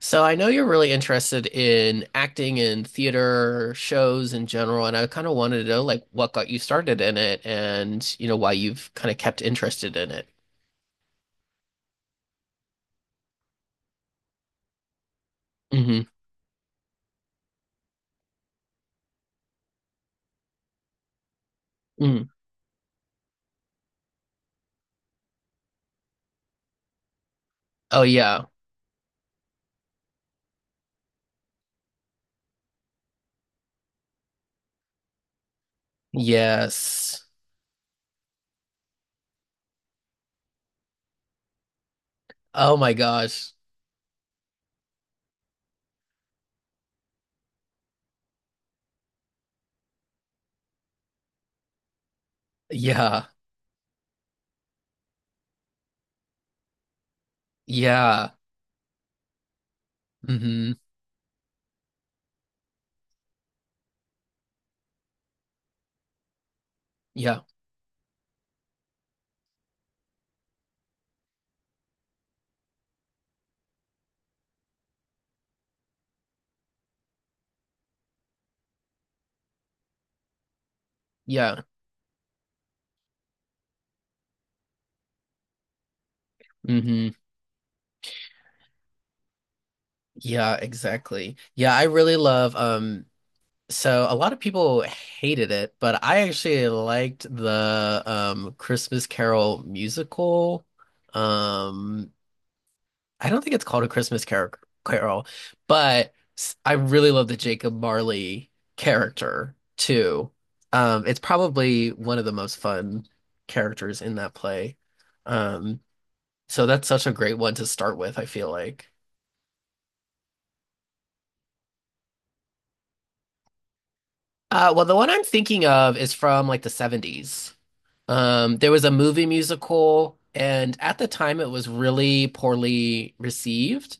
So I know you're really interested in acting and theater shows in general, and I kind of wanted to know like what got you started in it and why you've kind of kept interested in it. Hmm. Mm. Oh yeah. Yes. Oh my gosh. Yeah. Yeah. Hmm. Yeah. Yeah. Hmm. Yeah, exactly. Yeah, I really love. So a lot of people hated it, but I actually liked the Christmas Carol musical. Um I don't think it's called a Christmas Carol, but I really love the Jacob Marley character too. It's probably one of the most fun characters in that play. Um so that's such a great one to start with, I feel like. Well, the one I'm thinking of is from like the '70s. There was a movie musical, and at the time it was really poorly received.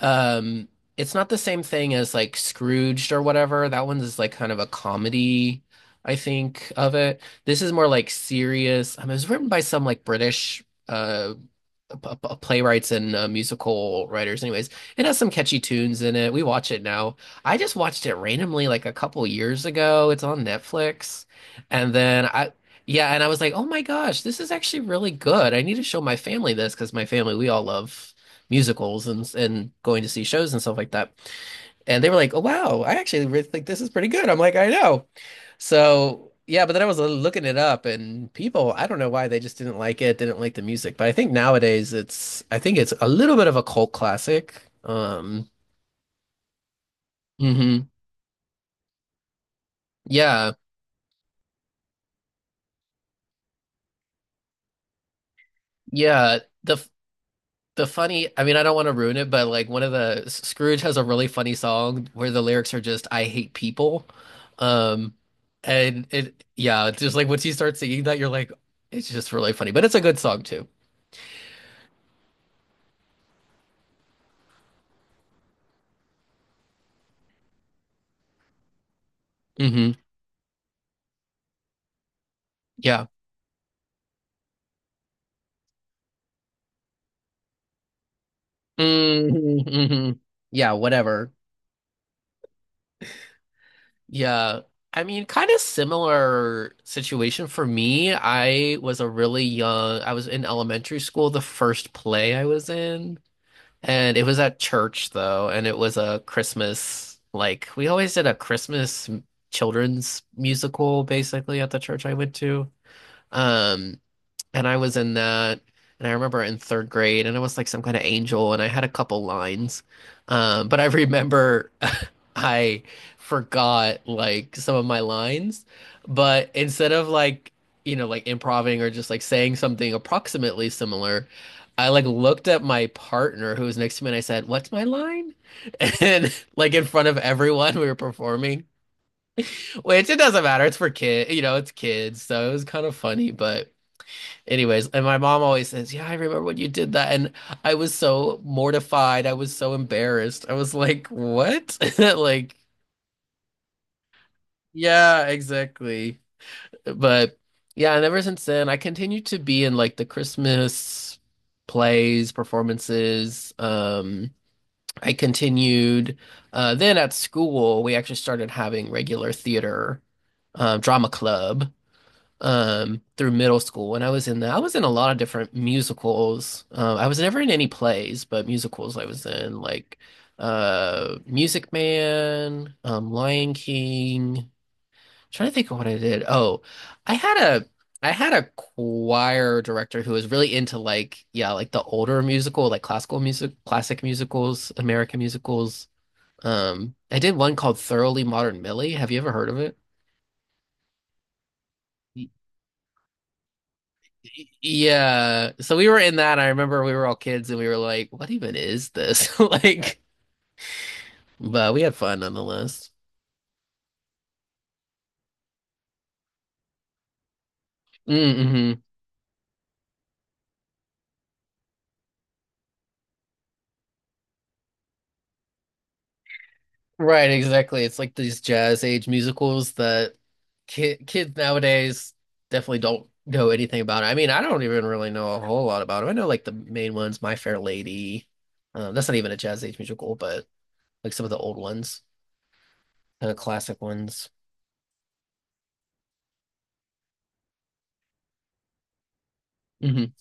Um, it's not the same thing as like Scrooged or whatever. That one's is like kind of a comedy, I think, of it. This is more like serious. It was written by some like British uh playwrights and musical writers. Anyways, it has some catchy tunes in it. We watch it now. I just watched it randomly like a couple years ago. It's on Netflix, and then I yeah, and I was like, oh my gosh, this is actually really good. I need to show my family this because my family, we all love musicals and going to see shows and stuff like that. And they were like, oh wow, I actually really think this is pretty good. I'm like, I know. So yeah, but then I was looking it up, and people, I don't know why, they just didn't like it, didn't like the music. But I think nowadays it's, I think it's a little bit of a cult classic. Mhm. Yeah, yeah. The f- the funny, I mean, I don't want to ruin it, but like one of the Scrooge has a really funny song where the lyrics are just "I hate people," um, and yeah, it's just like once you start singing that, you're like, it's just really funny. But it's a good song too. Hmm. Yeah. Hmm. Hmm. Yeah. Whatever. Yeah. I mean, kind of similar situation for me. I was a really young, I was in elementary school, the first play I was in, and it was at church though, and it was a Christmas, like we always did a Christmas children's musical basically at the church I went to. Um, and I was in that, and I remember in third grade, and I was like some kind of angel, and I had a couple lines. But I remember I forgot like some of my lines, but instead of like, like improvising or just like saying something approximately similar, I like looked at my partner who was next to me and I said, "What's my line?" And like in front of everyone we were performing, which it doesn't matter, it's for kid, it's kids, so it was kind of funny, but. Anyways, and my mom always says, "Yeah, I remember when you did that." And I was so mortified. I was so embarrassed. I was like, "What?" Like, yeah, exactly. But yeah, and ever since then, I continue to be in like the Christmas plays, performances. I continued, then at school, we actually started having regular theater, drama club. Through middle school, and I was in a lot of different musicals. I was never in any plays, but musicals I was in like Music Man, Lion King. Trying to think of what I did. Oh, I had a I had a choir director who was really into like yeah, like the older musical, like classical music, classic musicals, American musicals. I did one called Thoroughly Modern Millie. Have you ever heard of it? Yeah. So we were in that. I remember we were all kids and we were like, what even is this? Like, but we had fun nonetheless. Mm-hmm. Right, exactly. It's like these jazz age musicals that ki kids nowadays definitely don't know anything about. I mean, I don't even really know a whole lot about them. I know like the main ones, My Fair Lady. That's not even a jazz age musical, but like some of the old ones, kind of classic ones. Mm-hmm.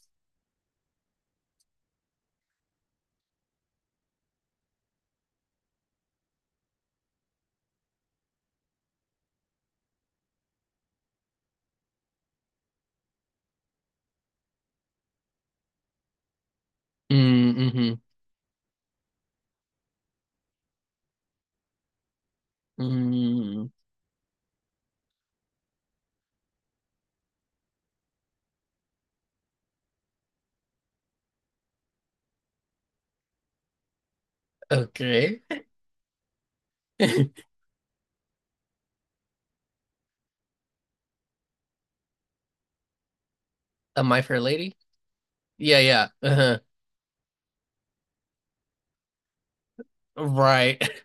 Mm-hmm. Mm-hmm. Mm-hmm. Okay. A My Fair Lady? Yeah, yeah. Uh-huh. Right.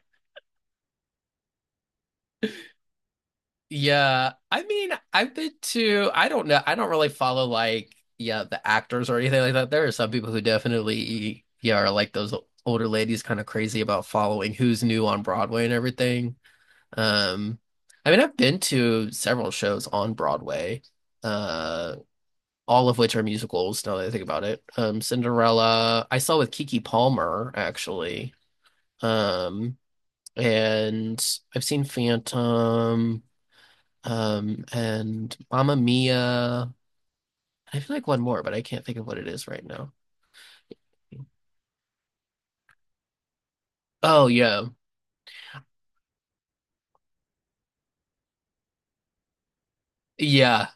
Yeah. I mean, I don't know, I don't really follow like, yeah, the actors or anything like that. There are some people who definitely, yeah, are like those older ladies, kind of crazy about following who's new on Broadway and everything. Um, I mean, I've been to several shows on Broadway, uh, all of which are musicals now that I think about it. Cinderella, I saw with Kiki Palmer actually. Um, and I've seen Phantom, and Mamma Mia. I feel like one more, but I can't think of what it is right now. Oh yeah, yeah.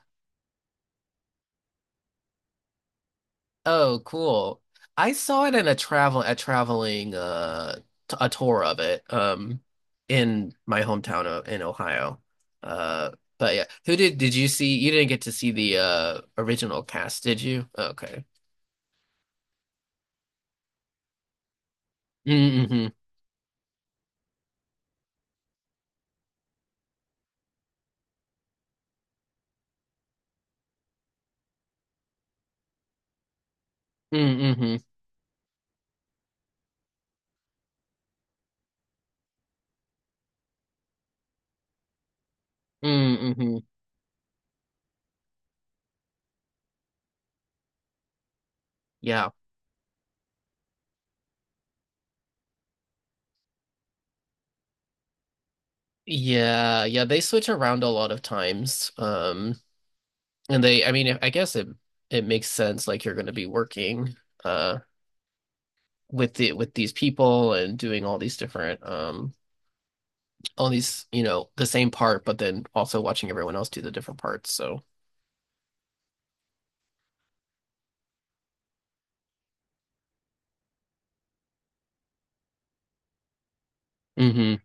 Oh, cool. I saw it in a traveling a tour of it in my hometown in Ohio. Uh, but yeah, who did you see? You didn't get to see the original cast, did you? Okay. Mm-hmm. Mm-hmm. Mm-hmm. Yeah. Yeah, yeah, they switch around a lot of times. And they, I mean, I guess it makes sense like you're going to be working uh with these people and doing all these different all these, the same part, but then also watching everyone else do the different parts. So, hmm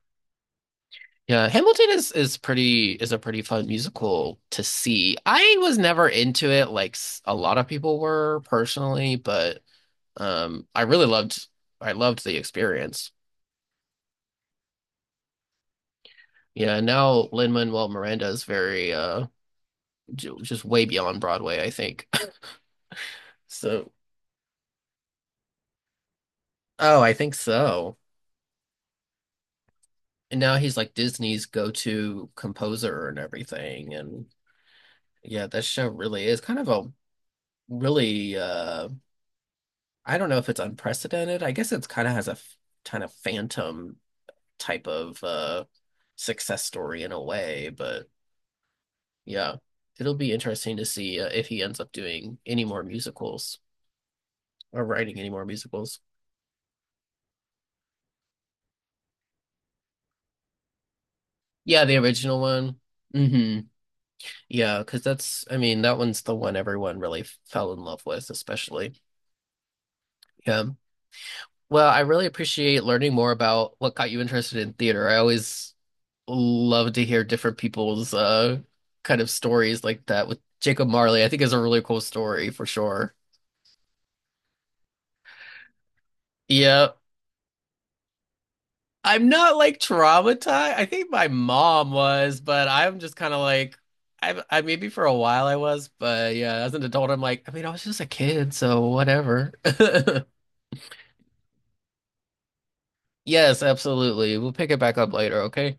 yeah, Hamilton is a pretty fun musical to see. I was never into it like a lot of people were personally, but um I really loved I loved the experience. Yeah, now Lin-Manuel Miranda is very just way beyond Broadway, I think. So, oh, I think so. And now he's like Disney's go-to composer and everything. And yeah, that show really is kind of a really, I don't know if it's unprecedented. I guess it's kind of has kind of phantom type of success story in a way, but yeah, it'll be interesting to see if he ends up doing any more musicals or writing any more musicals. Yeah, the original one. Hmm. Yeah, because that's, I mean, that one's the one everyone really fell in love with, especially. Yeah. Well, I really appreciate learning more about what got you interested in theater. I always love to hear different people's kind of stories like that with Jacob Marley. I think is a really cool story for sure. Yeah. I'm not like traumatized. I think my mom was, but I'm just kind of like, I maybe for a while I was, but yeah, as an adult, I'm like, I mean, I was just a kid, so whatever. Yes, absolutely. We'll pick it back up later, okay?